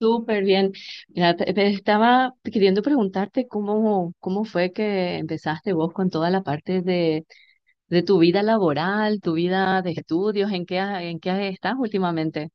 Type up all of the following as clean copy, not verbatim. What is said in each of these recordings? Súper bien. Mira, te estaba queriendo preguntarte cómo fue que empezaste vos con toda la parte de tu vida laboral, tu vida de estudios, en qué estás últimamente.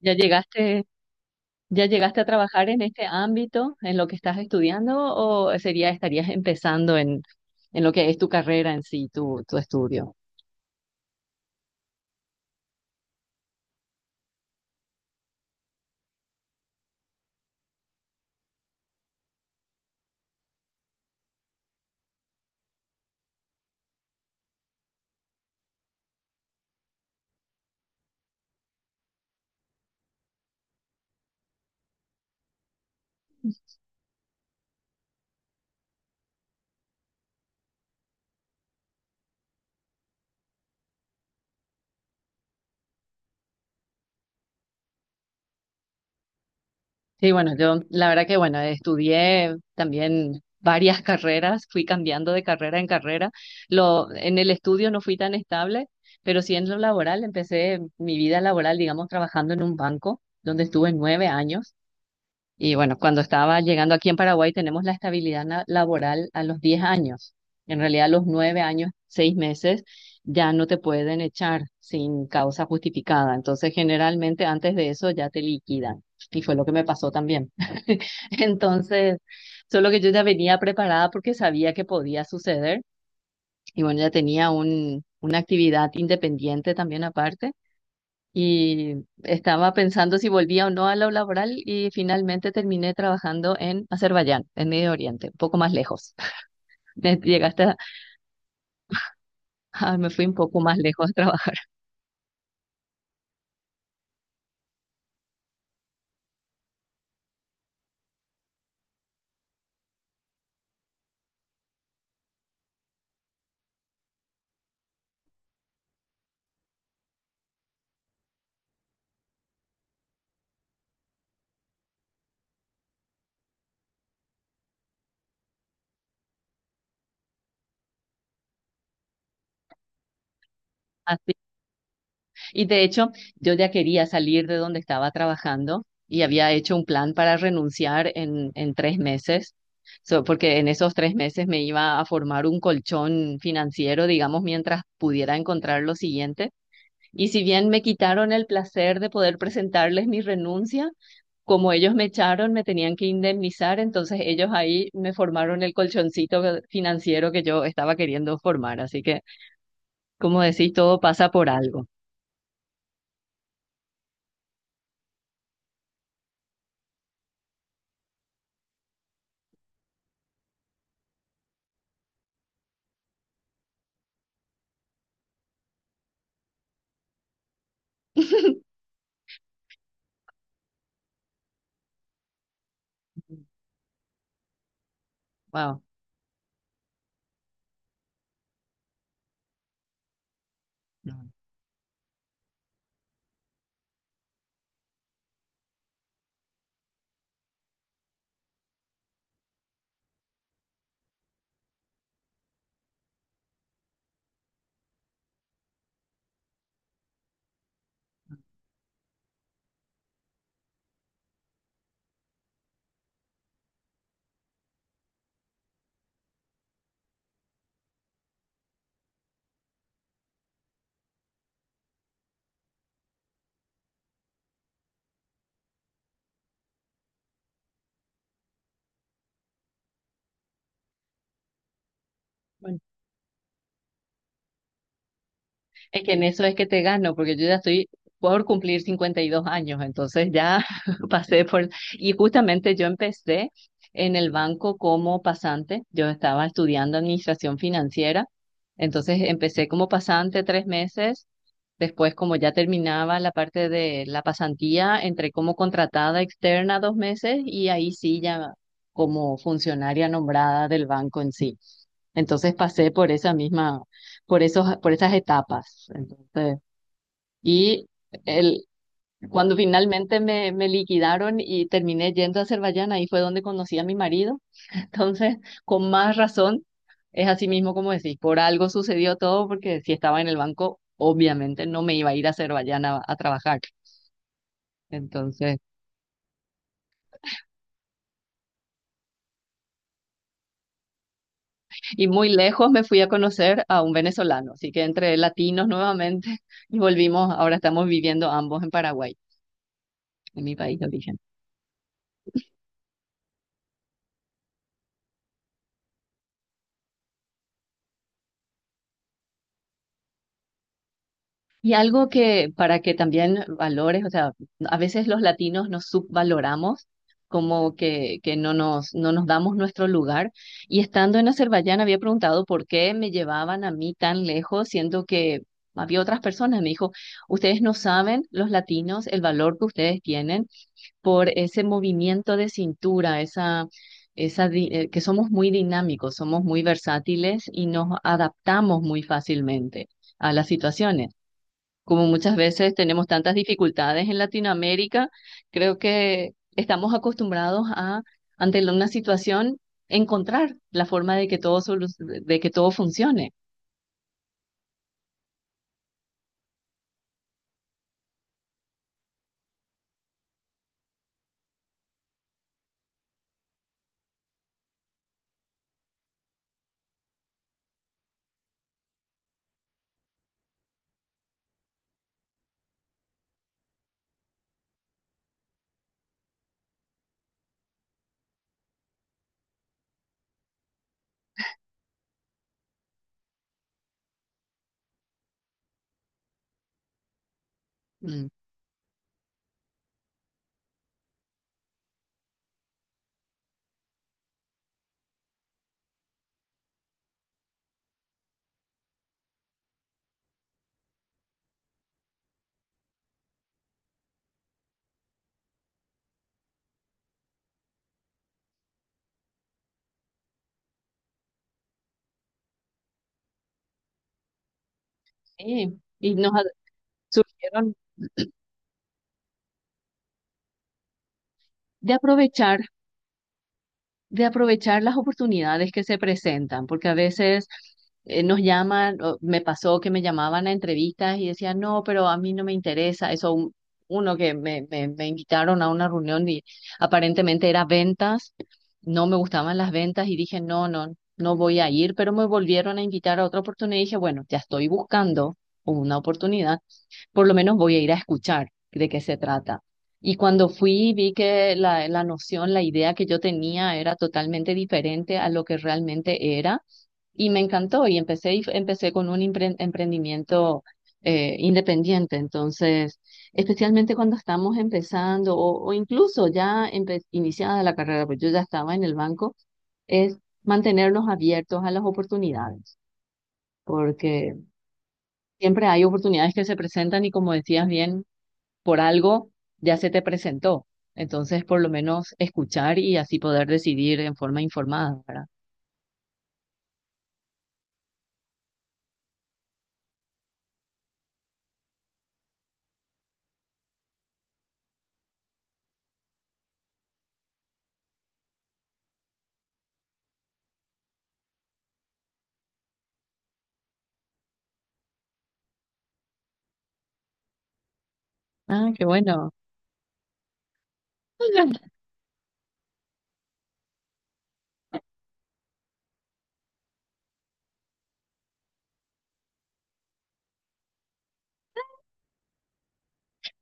¿Ya llegaste, ya llegaste a trabajar en este ámbito, en lo que estás estudiando, o sería, estarías empezando en lo que es tu carrera en sí, tu estudio? Sí, bueno, yo la verdad que bueno, estudié también varias carreras, fui cambiando de carrera en carrera. En el estudio no fui tan estable, pero sí en lo laboral, empecé mi vida laboral, digamos, trabajando en un banco, donde estuve 9 años. Y bueno, cuando estaba llegando aquí, en Paraguay tenemos la estabilidad laboral a los 10 años. En realidad a los 9 años, 6 meses, ya no te pueden echar sin causa justificada. Entonces, generalmente antes de eso ya te liquidan. Y fue lo que me pasó también. Entonces, solo que yo ya venía preparada porque sabía que podía suceder. Y bueno, ya tenía una actividad independiente también aparte, y estaba pensando si volvía o no a lo laboral, y finalmente terminé trabajando en Azerbaiyán, en Medio Oriente, un poco más lejos. ¿Llegaste a... ah, me fui un poco más lejos a trabajar así? Y de hecho, yo ya quería salir de donde estaba trabajando y había hecho un plan para renunciar en 3 meses. So, porque en esos 3 meses me iba a formar un colchón financiero, digamos, mientras pudiera encontrar lo siguiente. Y si bien me quitaron el placer de poder presentarles mi renuncia, como ellos me echaron, me tenían que indemnizar, entonces ellos ahí me formaron el financiero que yo estaba queriendo formar. Así que, como decís, todo pasa por algo. Wow. Es que en eso es que te gano, porque yo ya estoy por cumplir 52 años, entonces ya pasé por... Y justamente yo empecé en el banco como pasante, yo estaba estudiando administración financiera, entonces empecé como pasante 3 meses, después como ya terminaba la parte de la pasantía, entré como contratada externa 2 meses, y ahí sí ya como funcionaria nombrada del banco en sí. Entonces pasé por esa misma, por esas etapas. Entonces, y el, cuando finalmente me liquidaron y terminé yendo a Azerbaiyán, ahí fue donde conocí a mi marido. Entonces, con más razón, es así mismo como decís, por algo sucedió todo, porque si estaba en el banco, obviamente no me iba a ir a Azerbaiyán a trabajar. Entonces, y muy lejos me fui a conocer a un venezolano, así que entre latinos nuevamente y volvimos, ahora estamos viviendo ambos en Paraguay, en mi país de origen. Y algo que para que también valores, o sea, a veces los latinos nos subvaloramos, como que no nos damos nuestro lugar. Y estando en Azerbaiyán había preguntado por qué me llevaban a mí tan lejos, siendo que había otras personas. Me dijo, ustedes no saben, los latinos, el valor que ustedes tienen por ese movimiento de cintura, que somos muy dinámicos, somos muy versátiles y nos adaptamos muy fácilmente a las situaciones. Como muchas veces tenemos tantas dificultades en Latinoamérica, creo que estamos acostumbrados a, ante una situación, encontrar la forma de que de que todo funcione. Mm. Sí, y nos surgieron de aprovechar, de aprovechar las oportunidades que se presentan, porque a veces nos llaman, o me pasó que me llamaban a entrevistas y decían, no, pero a mí no me interesa, uno que me invitaron a una reunión y aparentemente era ventas, no me gustaban las ventas y dije, no voy a ir, pero me volvieron a invitar a otra oportunidad y dije, bueno, ya estoy buscando una oportunidad, por lo menos voy a ir a escuchar de qué se trata. Y cuando fui, vi que la noción, la idea que yo tenía era totalmente diferente a lo que realmente era, y me encantó y empecé, y empecé con un emprendimiento independiente. Entonces, especialmente cuando estamos empezando o incluso ya iniciada la carrera, pues yo ya estaba en el banco, es mantenernos abiertos a las oportunidades, porque siempre hay oportunidades que se presentan, y como decías bien, por algo ya se te presentó. Entonces, por lo menos escuchar, y así poder decidir en forma informada, ¿verdad? Ah, qué bueno.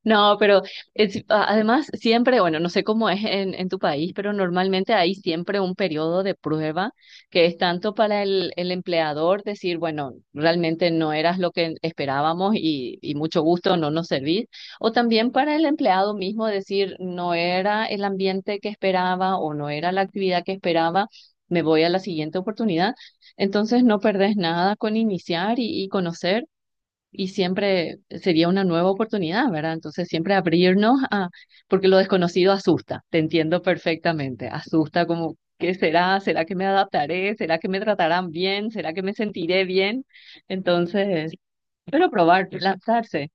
No, pero además siempre, bueno, no sé cómo es en tu país, pero normalmente hay siempre un periodo de prueba, que es tanto para el empleador decir, bueno, realmente no eras lo que esperábamos y mucho gusto no nos servís, o también para el empleado mismo decir, no era el ambiente que esperaba o no era la actividad que esperaba, me voy a la siguiente oportunidad. Entonces no perdés nada con iniciar y conocer, y siempre sería una nueva oportunidad, ¿verdad? Entonces siempre abrirnos a... Porque lo desconocido asusta, te entiendo perfectamente, asusta como, ¿qué será? ¿Será que me adaptaré? ¿Será que me tratarán bien? ¿Será que me sentiré bien? Entonces, pero probar, lanzarse.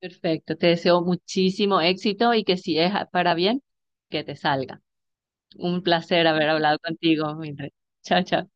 Perfecto, te deseo muchísimo éxito, y que si es para bien, que te salga. Un placer haber hablado contigo, Mildred. Chao, chao.